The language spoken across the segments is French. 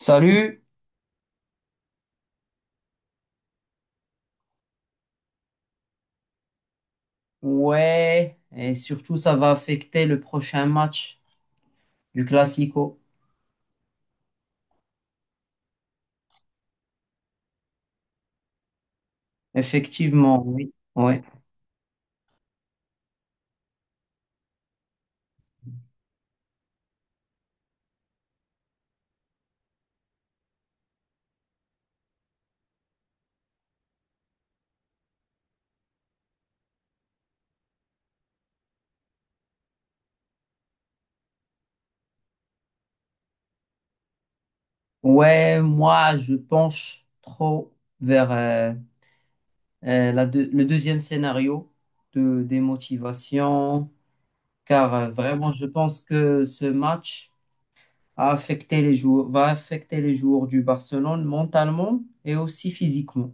Salut. Ouais, et surtout ça va affecter le prochain match du Classico. Effectivement, oui, ouais. Ouais, moi je penche trop vers le deuxième scénario de démotivation, car vraiment je pense que ce match a affecté les joueurs, va affecter les joueurs du Barcelone mentalement et aussi physiquement.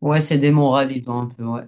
Ouais, c'est démoralisant un peu, ouais.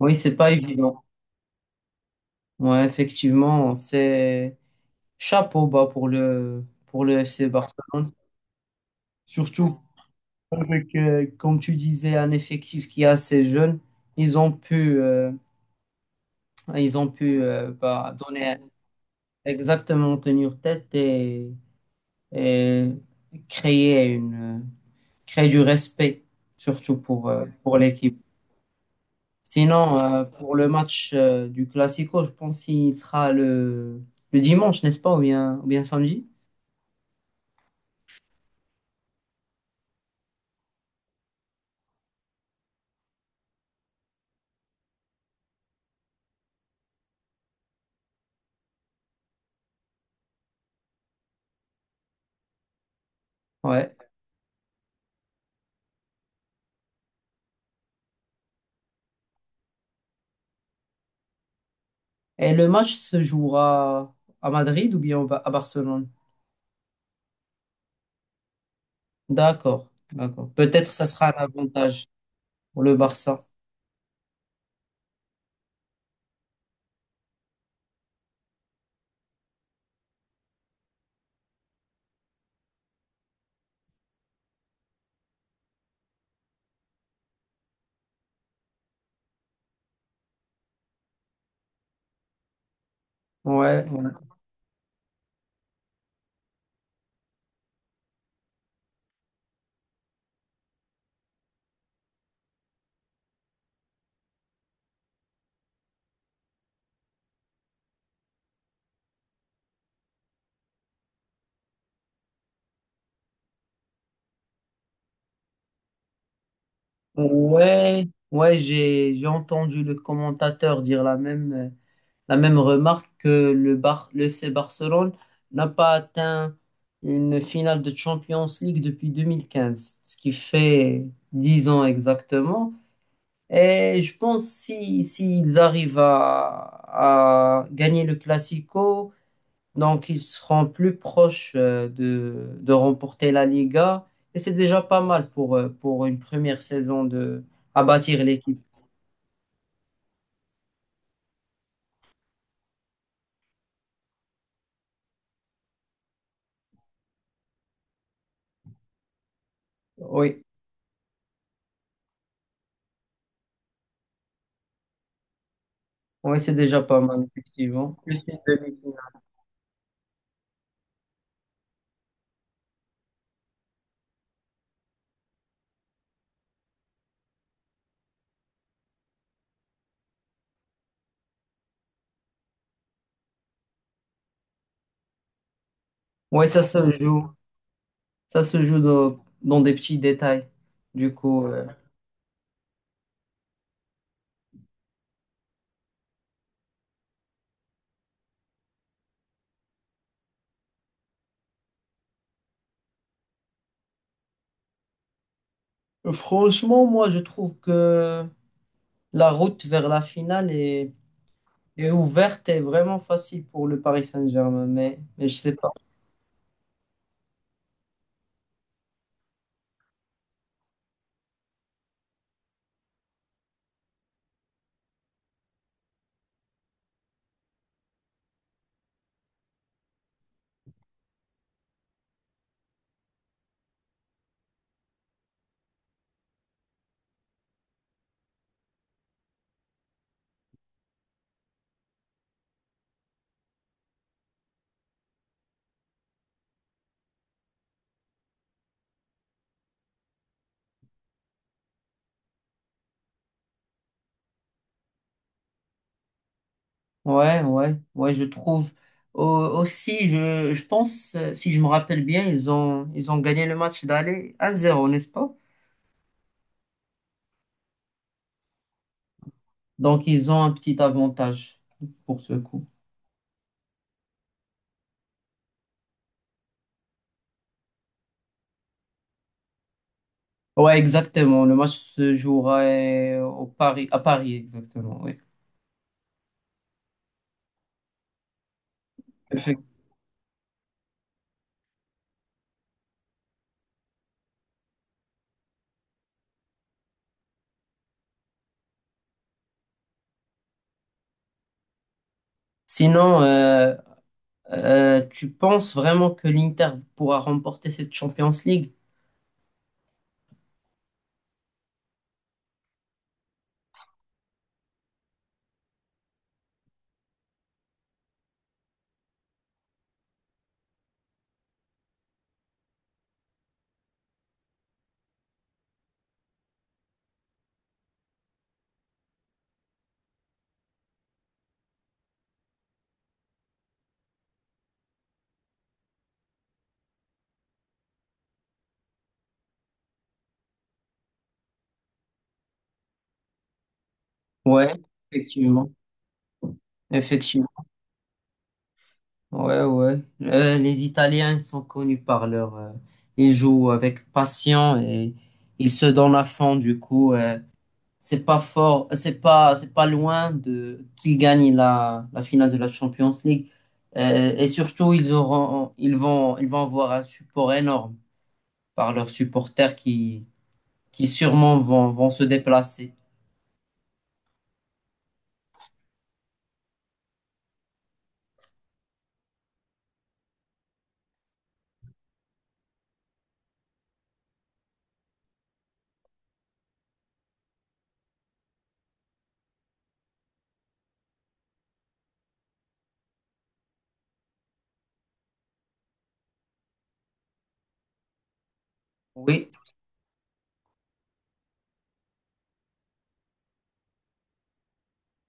Oui, c'est pas évident. Ouais, effectivement, c'est... Chapeau bas pour pour le FC Barcelone. Surtout avec, comme tu disais, un effectif qui est assez jeune. Ils ont pu, euh, ils ont pu bah, donner... exactement, tenir tête et créer une, créer du respect, surtout pour l'équipe. Sinon, pour le match du Classico, je pense qu'il sera le dimanche, n'est-ce pas, ou bien samedi? Ouais. Et le match se jouera à Madrid ou bien à Barcelone? D'accord, d'accord. Peut-être ça sera un avantage pour le Barça. Ouais, ouais. Ouais, ouais, j'ai entendu le commentateur dire la même remarque que le F C Barcelone n'a pas atteint une finale de Champions League depuis 2015, ce qui fait dix ans exactement. Et je pense si s'ils arrivent à gagner le Classico, donc ils seront plus proches de remporter la Liga. Et c'est déjà pas mal pour une première saison de, à bâtir l'équipe. Oui, oui, c'est déjà pas mal, effectivement. Plus une demi-finale. Oui, ça se joue. Ça se joue dans, dans des petits détails. Du coup, franchement, moi, je trouve que la route vers la finale est... et ouverte, est vraiment facile pour le Paris Saint-Germain, mais je sais pas. Ouais, ouais, ouais, je trouve. Au- Aussi, je pense, si je me rappelle bien, ils ont gagné le match d'aller un zéro, n'est-ce pas? Donc, ils ont un petit avantage pour ce coup. Ouais, exactement. Le match se jouera au Paris, à Paris, exactement, oui. Effect- Sinon, tu penses vraiment que l'Inter pourra remporter cette Champions League? Ouais, effectivement. Effectivement. Ouais, ouais. Les Italiens sont connus par leur... ils jouent avec passion et ils se donnent à fond. Du coup, c'est pas fort, c'est pas loin de qu'ils gagnent la, la finale de la Champions League. Et surtout, ils auront, ils vont avoir un support énorme par leurs supporters qui sûrement vont, vont se déplacer. Oui.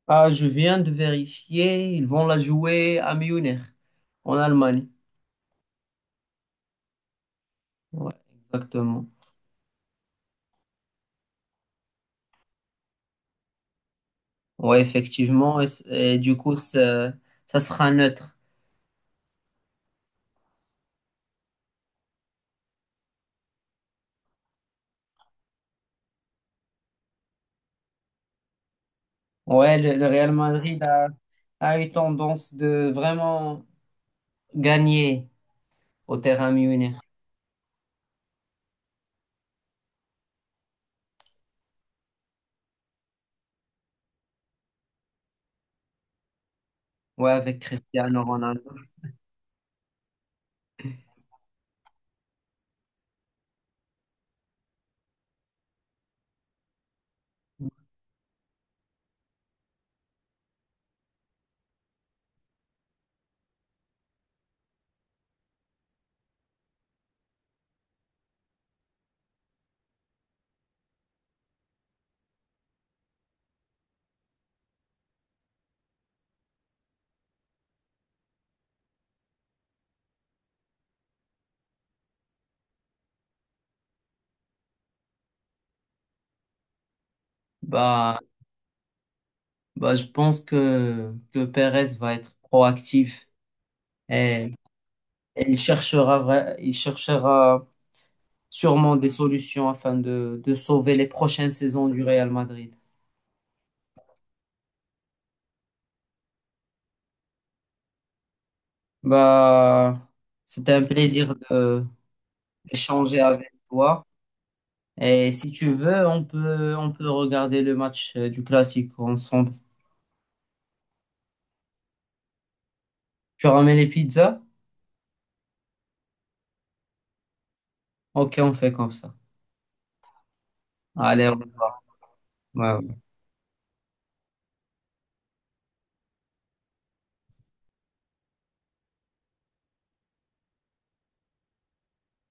Ah, je viens de vérifier. Ils vont la jouer à Munich, en Allemagne. Ouais, exactement. Ouais, effectivement. Et, et du coup, ça sera neutre. Ouais, le Real Madrid a, a eu tendance de vraiment gagner au terrain Munich. Ouais, avec Cristiano Ronaldo. Bah, bah, je pense que Perez va être proactif et, et il cherchera, il cherchera sûrement des solutions afin de sauver les prochaines saisons du Real Madrid. Bah, c'était un plaisir de d'échanger avec toi. Et si tu veux, on peut regarder le match du classique ensemble. Tu ramènes les pizzas? Ok, on fait comme ça. Allez, au revoir. Ouais.